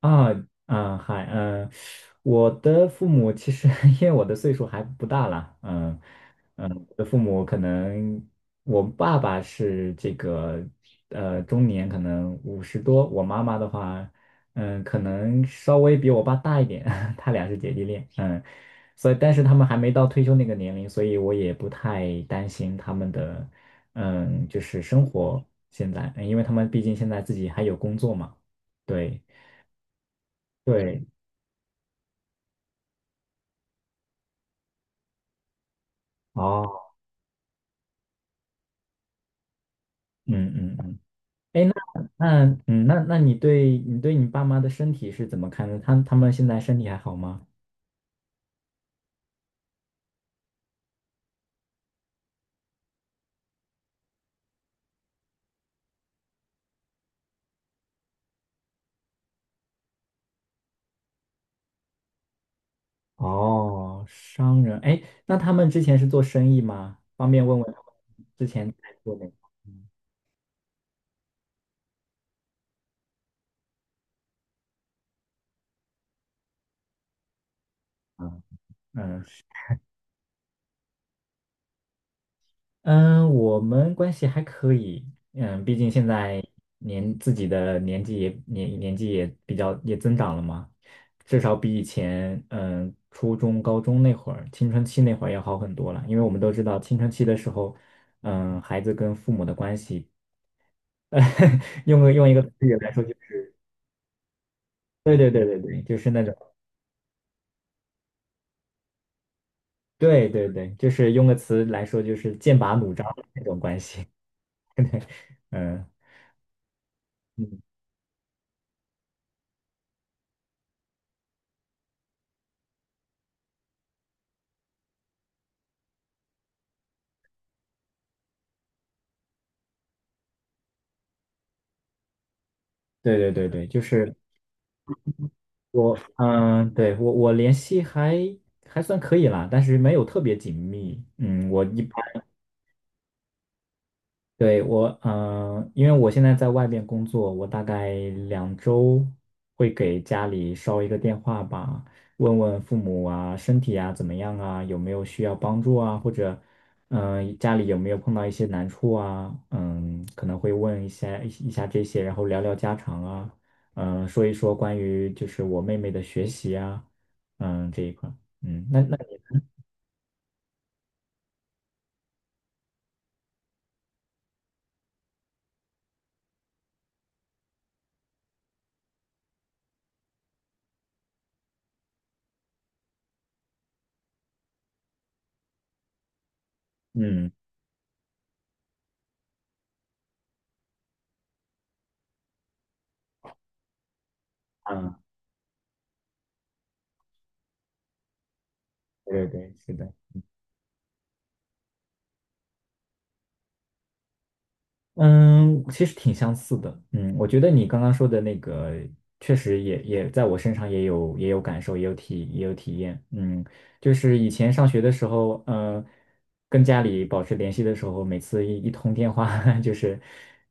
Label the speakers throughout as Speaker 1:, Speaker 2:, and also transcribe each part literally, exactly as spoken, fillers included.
Speaker 1: 啊啊，嗨，嗯，我的父母其实 因为我的岁数还不大啦。嗯嗯，我的父母可能我爸爸是这个呃中年，可能五十多。我妈妈的话，嗯，可能稍微比我爸大一点，他俩是姐弟恋。嗯，所以但是他们还没到退休那个年龄，所以我也不太担心他们的嗯就是生活现在，因为他们毕竟现在自己还有工作嘛。对。对，哦，嗯嗯嗯。哎，那那嗯，那那你对你对你爸妈的身体是怎么看的？他他们现在身体还好吗？哦，商人。哎，那他们之前是做生意吗？方便问问他们之前在做哪个？嗯嗯嗯，我们关系还可以。嗯，毕竟现在年自己的年纪也年年纪也比较也增长了嘛。至少比以前嗯初中、高中那会儿青春期那会儿要好很多了。因为我们都知道青春期的时候，嗯，孩子跟父母的关系，用个用一个词语来说就。对对对对对，就是那种。对对对，就是用个词来说就是剑拔弩张的那种关系。嗯嗯，对对对对，就是。我嗯，对，我我联系还还算可以啦，但是没有特别紧密。嗯，我一对，我，嗯、因为我现在在外边工作，我大概两周会给家里捎一个电话吧。问问父母啊，身体啊怎么样啊，有没有需要帮助啊，或者，嗯、家里有没有碰到一些难处啊，嗯，可能会问一下一下这些，然后聊聊家常啊。嗯、说一说关于就是我妹妹的学习啊。嗯，这一块儿。嗯，那那你。嗯，啊，对对对，是的。嗯，其实挺相似的。嗯，我觉得你刚刚说的那个，确实也也在我身上也有也有感受，也有体也有体验。嗯，就是以前上学的时候，嗯、跟家里保持联系的时候，每次一一通电话，就是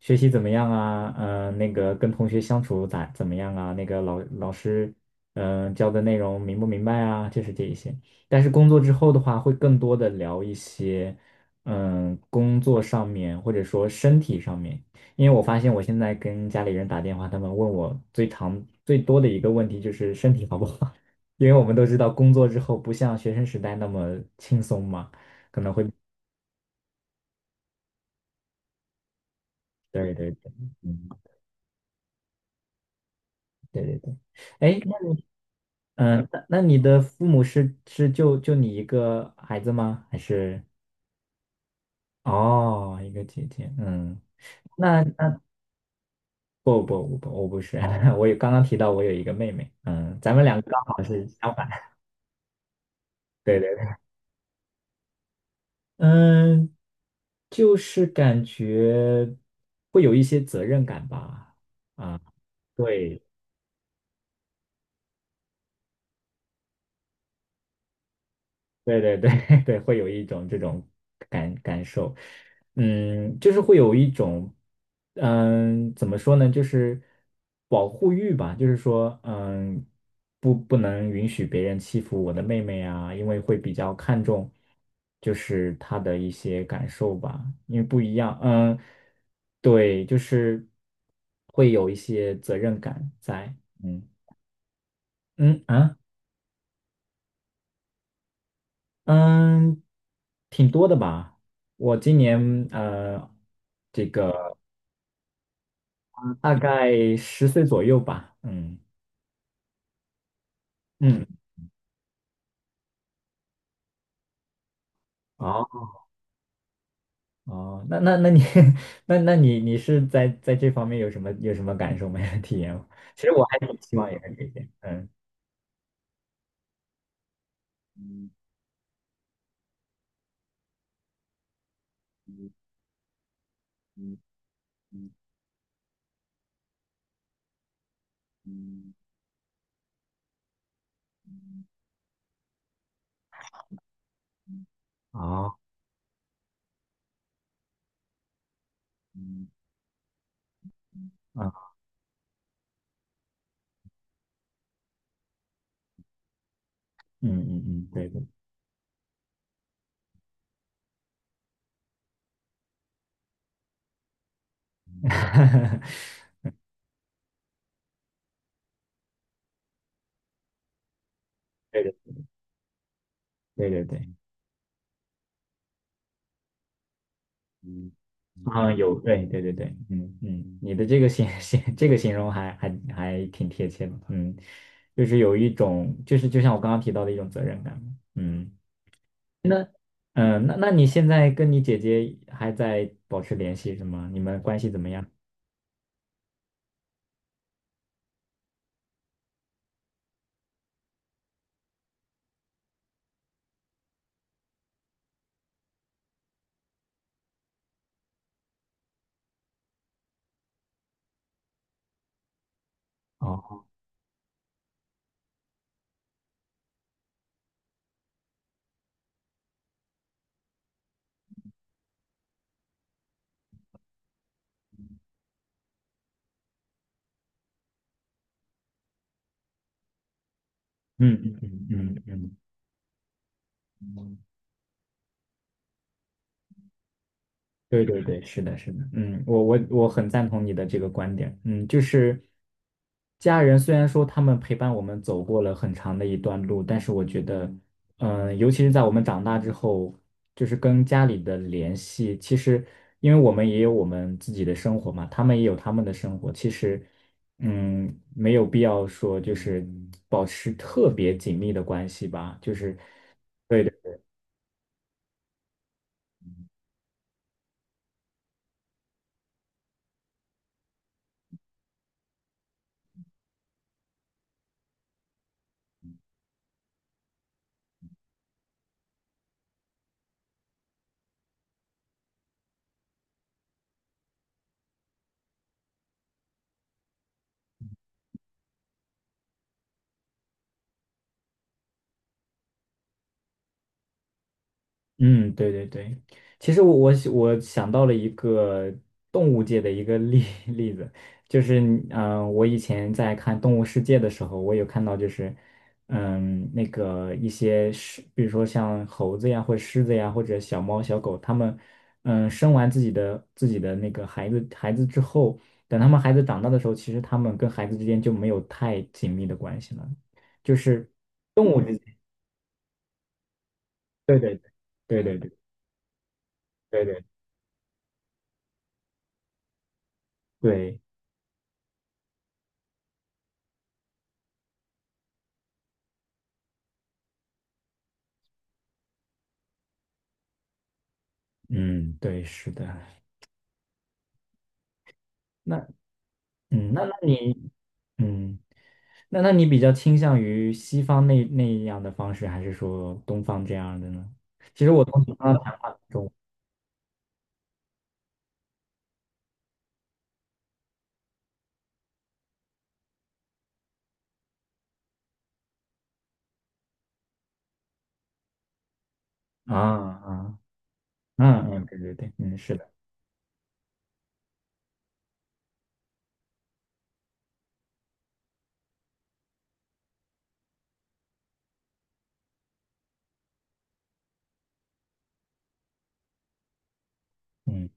Speaker 1: 学习怎么样啊？嗯，那个跟同学相处咋怎么样啊？那个老老师，嗯、教的内容明不明白啊？就是这一些。但是工作之后的话，会更多的聊一些。嗯，工作上面或者说身体上面。因为我发现我现在跟家里人打电话，他们问我最常最多的一个问题就是身体好不好，因为我们都知道工作之后不像学生时代那么轻松嘛。对对对，嗯，对对对。哎，那嗯，那那你的父母是是就就你一个孩子吗？还是哦，一个姐姐？嗯，那那不不不，我不是，我有刚刚提到我有一个妹妹。嗯，咱们两个刚好是相反。对对，嗯，就是感觉会有一些责任感吧。啊，对，对对对 对，会有一种这种感感受，嗯，就是会有一种，嗯，怎么说呢，就是保护欲吧。就是说，嗯，不不能允许别人欺负我的妹妹啊。因为会比较看重，就是她的一些感受吧。因为不一样，嗯，对，就是会有一些责任感在。嗯嗯啊。嗯，挺多的吧。我今年呃，大概十岁左右吧。嗯嗯，哦哦，那那那你 那那你你是在在这方面有什么有什么感受没有 体验吗？其实我还挺希望也个这些。嗯，哦，嗯啊，嗯嗯嗯，对对 对对对对对。啊，有，对对对对，嗯嗯。你的这个形 形这个形容还还还挺贴切的。嗯，就是有一种，就是就像我刚刚提到的一种责任感。嗯，那嗯、呃那那你现在跟你姐姐还在保持联系是吗？你们关系怎么样？哦，嗯嗯嗯嗯嗯，对对对，是的，是的，嗯。我我我很赞同你的这个观点。嗯，就是家人虽然说他们陪伴我们走过了很长的一段路。但是我觉得，嗯、尤其是在我们长大之后，就是跟家里的联系，其实因为我们也有我们自己的生活嘛，他们也有他们的生活。其实，嗯，没有必要说就是保持特别紧密的关系吧，就是。对的。嗯，对对对。其实我我想我想到了一个动物界的一个例 例子。就是嗯、呃我以前在看《动物世界》的时候，我有看到就是嗯，那个一些狮，比如说像猴子呀，或者狮子呀，或者小猫小狗。它们嗯生完自己的自己的那个孩子孩子之后，等他们孩子长大的时候，其实他们跟孩子之间就没有太紧密的关系了，就是动物之间。对对对对对对对对。对，嗯，对，是的。那嗯，那那你嗯，那那你比较倾向于西方那那样的方式，还是说东方这样的呢？其实我从小到大谈 中啊啊嗯嗯，对对对，嗯，是的，嗯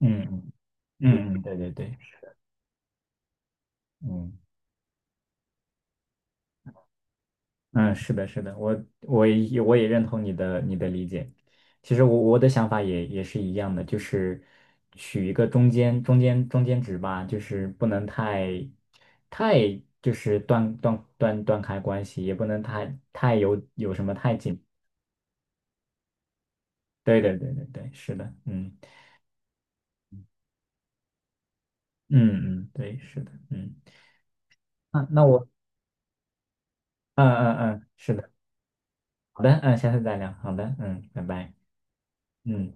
Speaker 1: 嗯嗯嗯，嗯，对对对，嗯。嗯，是的，是的。我我也我也认同你的你的理解。其实我我的想法也也是一样的，就是取一个中间中间中间值吧。就是不能太太就是断断断断开关系，也不能太太有有什么太紧。对对对对对，是的，嗯嗯嗯，对，是的，嗯。啊，那我嗯嗯嗯，好的。嗯，下次再聊。好的，嗯，拜拜。嗯。